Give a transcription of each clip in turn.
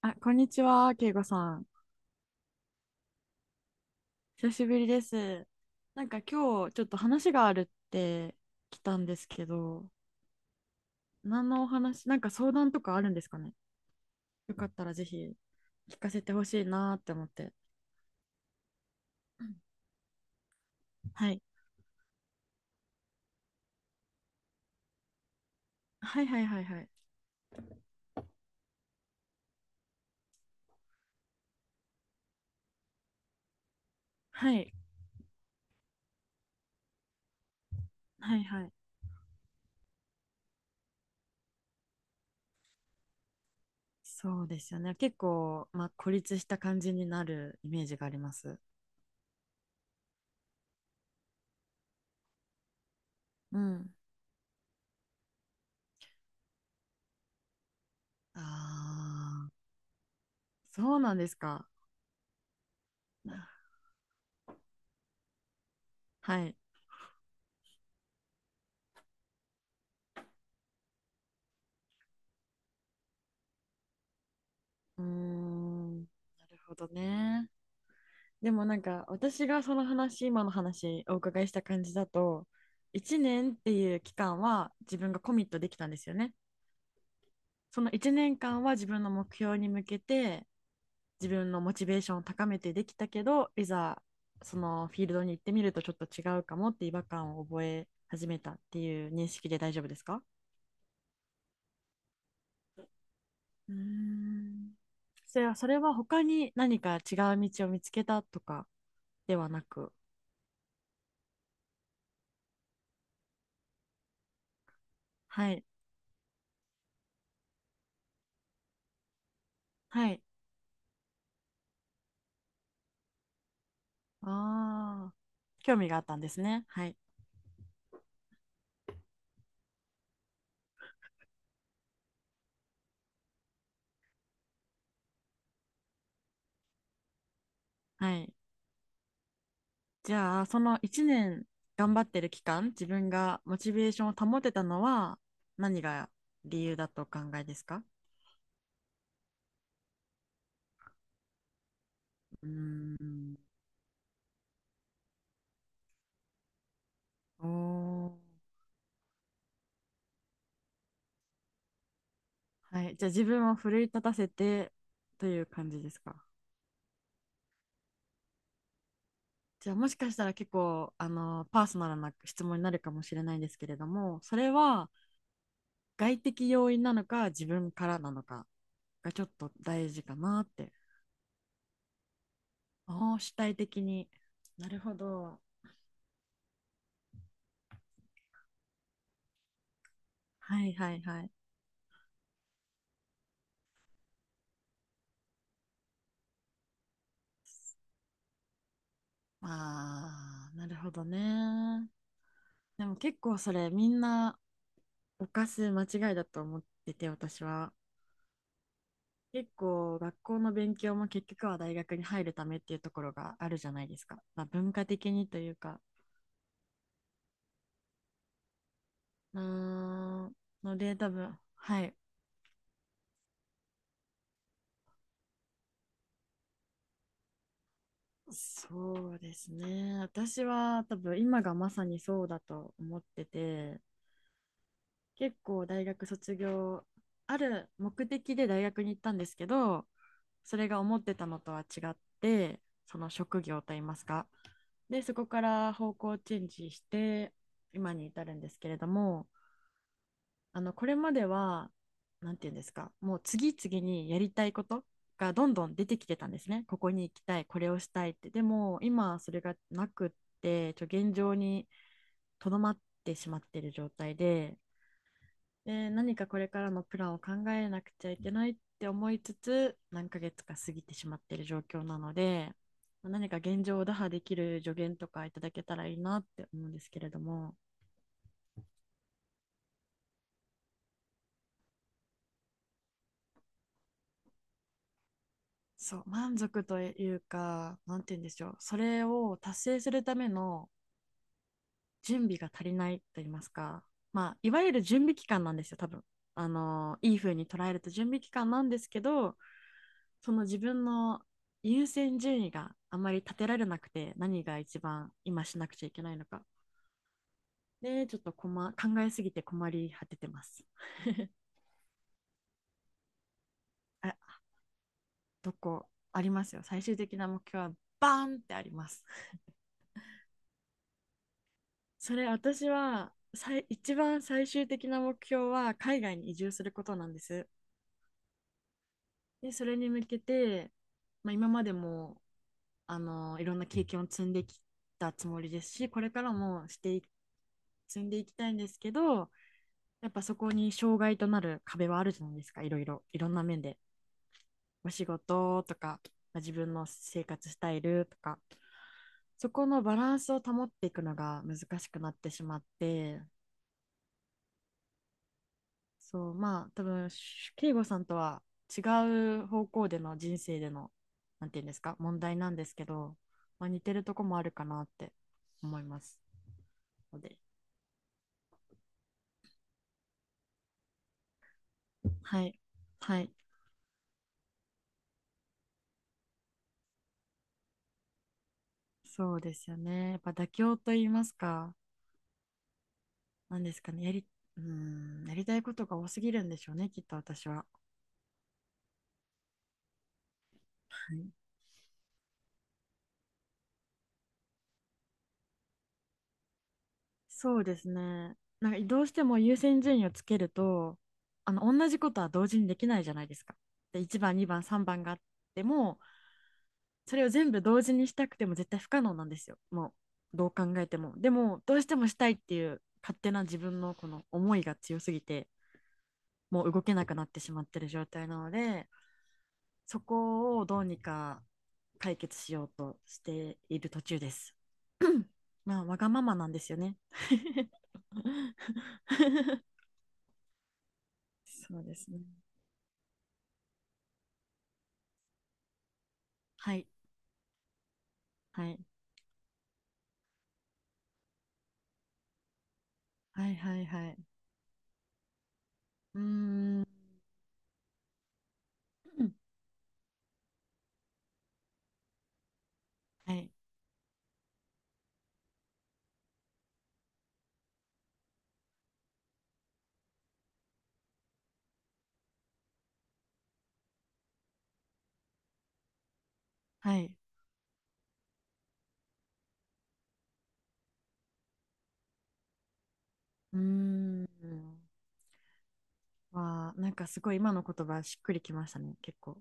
あ、こんにちは、けいこさん。久しぶりです。なんか今日ちょっと話があるって来たんですけど、何のお話、なんか相談とかあるんですかね。よかったらぜひ聞かせてほしいなーって思って。うん、はい。はいはいはいはい。はい。はいはい。そうですよね。結構、まあ、孤立した感じになるイメージがあります。うん。ああ、そうなんですか。はい。うーん。なるほどね。でもなんか私がその話今の話お伺いした感じだと1年っていう期間は自分がコミットできたんですよね。その1年間は自分の目標に向けて自分のモチベーションを高めてできたけど、いざそのフィールドに行ってみるとちょっと違うかもって違和感を覚え始めたっていう認識で大丈夫ですか？うーん、それは他に何か違う道を見つけたとかではなく。はいはい。ああ、興味があったんですね。はい。はい。じゃあ、その1年頑張ってる期間、自分がモチベーションを保てたのは何が理由だとお考えですか？うーん。おー。はい。じゃあ、自分を奮い立たせてという感じですか？じゃあ、もしかしたら結構、パーソナルな質問になるかもしれないんですけれども、それは外的要因なのか自分からなのかがちょっと大事かなって。ああ、主体的に。なるほど。はいはいはい。ああ、なるほどね。でも結構それみんな犯す間違いだと思ってて、私は。結構学校の勉強も結局は大学に入るためっていうところがあるじゃないですか。まあ、文化的にというか。うーん。ので多分、はい。そうですね。私は多分今がまさにそうだと思ってて。結構大学卒業、ある目的で大学に行ったんですけど、それが思ってたのとは違って、その職業といいますか、でそこから方向チェンジして今に至るんですけれども、これまでは、なんていうんですか、もう次々にやりたいことがどんどん出てきてたんですね。ここに行きたい、これをしたいって。でも今それがなくって、現状にとどまってしまっている状態で、で何かこれからのプランを考えなくちゃいけないって思いつつ何ヶ月か過ぎてしまっている状況なので、何か現状を打破できる助言とかいただけたらいいなって思うんですけれども。そう、満足というか何て言うんでしょう、それを達成するための準備が足りないと言いますか、まあいわゆる準備期間なんですよ、多分。いい風に捉えると準備期間なんですけど、その自分の優先順位があまり立てられなくて、何が一番今しなくちゃいけないのか。で、ちょっと考えすぎて困り果ててます。あ、どこありますよ。最終的な目標はバーンってあります。それ、私は一番最終的な目標は海外に移住することなんです。で、それに向けて、まあ、今までもいろんな経験を積んできたつもりですし、これからも積んでいきたいんですけど、やっぱそこに障害となる壁はあるじゃないですか、いろいろ、いろんな面で。お仕事とか、まあ自分の生活スタイルとか、そこのバランスを保っていくのが難しくなってしまって、そう、まあ、多分、慶吾さんとは違う方向での人生での、なんていうんですか、問題なんですけど、まあ、似てるとこもあるかなって思いますので。はい、はい、そうですよね。やっぱ妥協と言いますか、なんですかね、やりたいことが多すぎるんでしょうね、きっと私は。はい、そうですね。なんかどうしても優先順位をつけると、同じことは同時にできないじゃないですか。で、1番、2番、3番があっても、それを全部同時にしたくても絶対不可能なんですよ。もう、どう考えても。でも、どうしてもしたいっていう勝手な自分のこの思いが強すぎて、もう動けなくなってしまってる状態なので、そこをどうにか解決しようとしている途中です まあ、わがままなんですよね そうですね。はい、はい、はい、はい、はい。うーん、はい、はい。うーん。わあ、なんかすごい今の言葉しっくりきましたね、結構。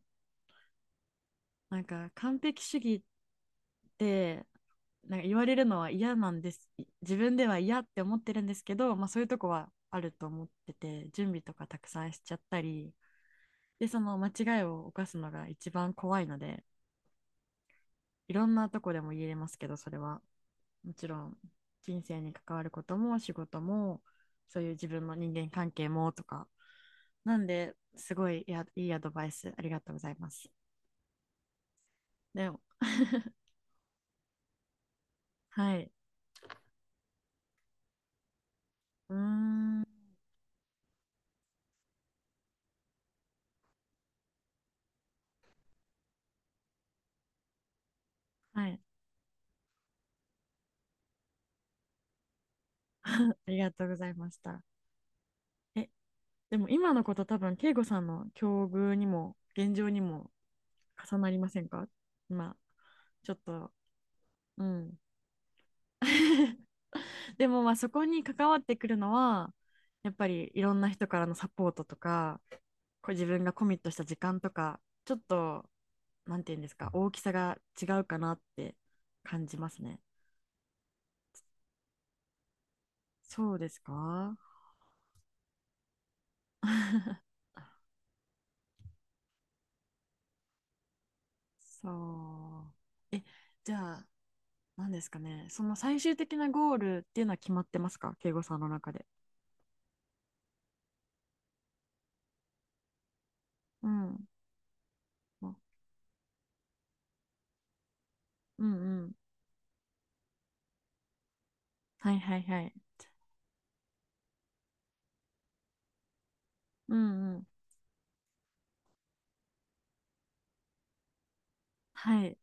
なんか完璧主義でなんか言われるのは嫌なんです。自分では嫌って思ってるんですけど、まあ、そういうとこはあると思ってて、準備とかたくさんしちゃったりで、その間違いを犯すのが一番怖いので、いろんなとこでも言えますけど、それはもちろん人生に関わることも仕事も、そういう自分の人間関係もとか。なんですごい、いや、いいアドバイスありがとうございます。でも はい、うーん、はい、ありがとうございました。え、でも今のこと多分、慶吾さんの境遇にも、現状にも重なりませんか？まあちょっと、うん でもまあそこに関わってくるのは、やっぱりいろんな人からのサポートとか、こう自分がコミットした時間とか、ちょっと、なんていうんですか、大きさが違うかなって感じますね。そうですか そう。え、じゃあ、なんですかね、その最終的なゴールっていうのは決まってますか、敬語さんの中で？うん。うんうん。はいはいはい。うんうん。はい。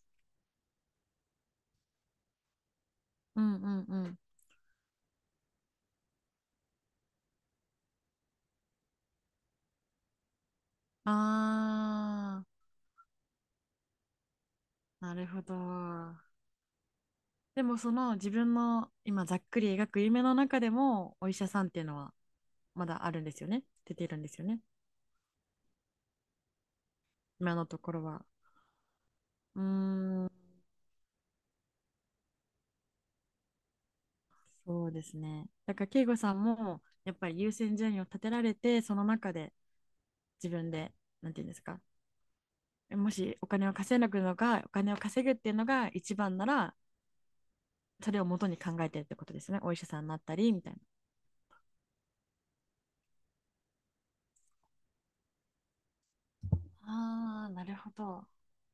うんうんうん。あー、なるほど。でもその自分の今ざっくり描く夢の中でもお医者さんっていうのはまだあるんですよね。出ているんですよね。今のところは。うーん、そうですね。だから慶吾さんもやっぱり優先順位を立てられて、その中で自分で、なんていうんですか、もしお金を稼ぐのがお金を稼ぐっていうのが一番ならそれを元に考えてるってことですね、お医者さんになったりみたいな。ああ、なるほど。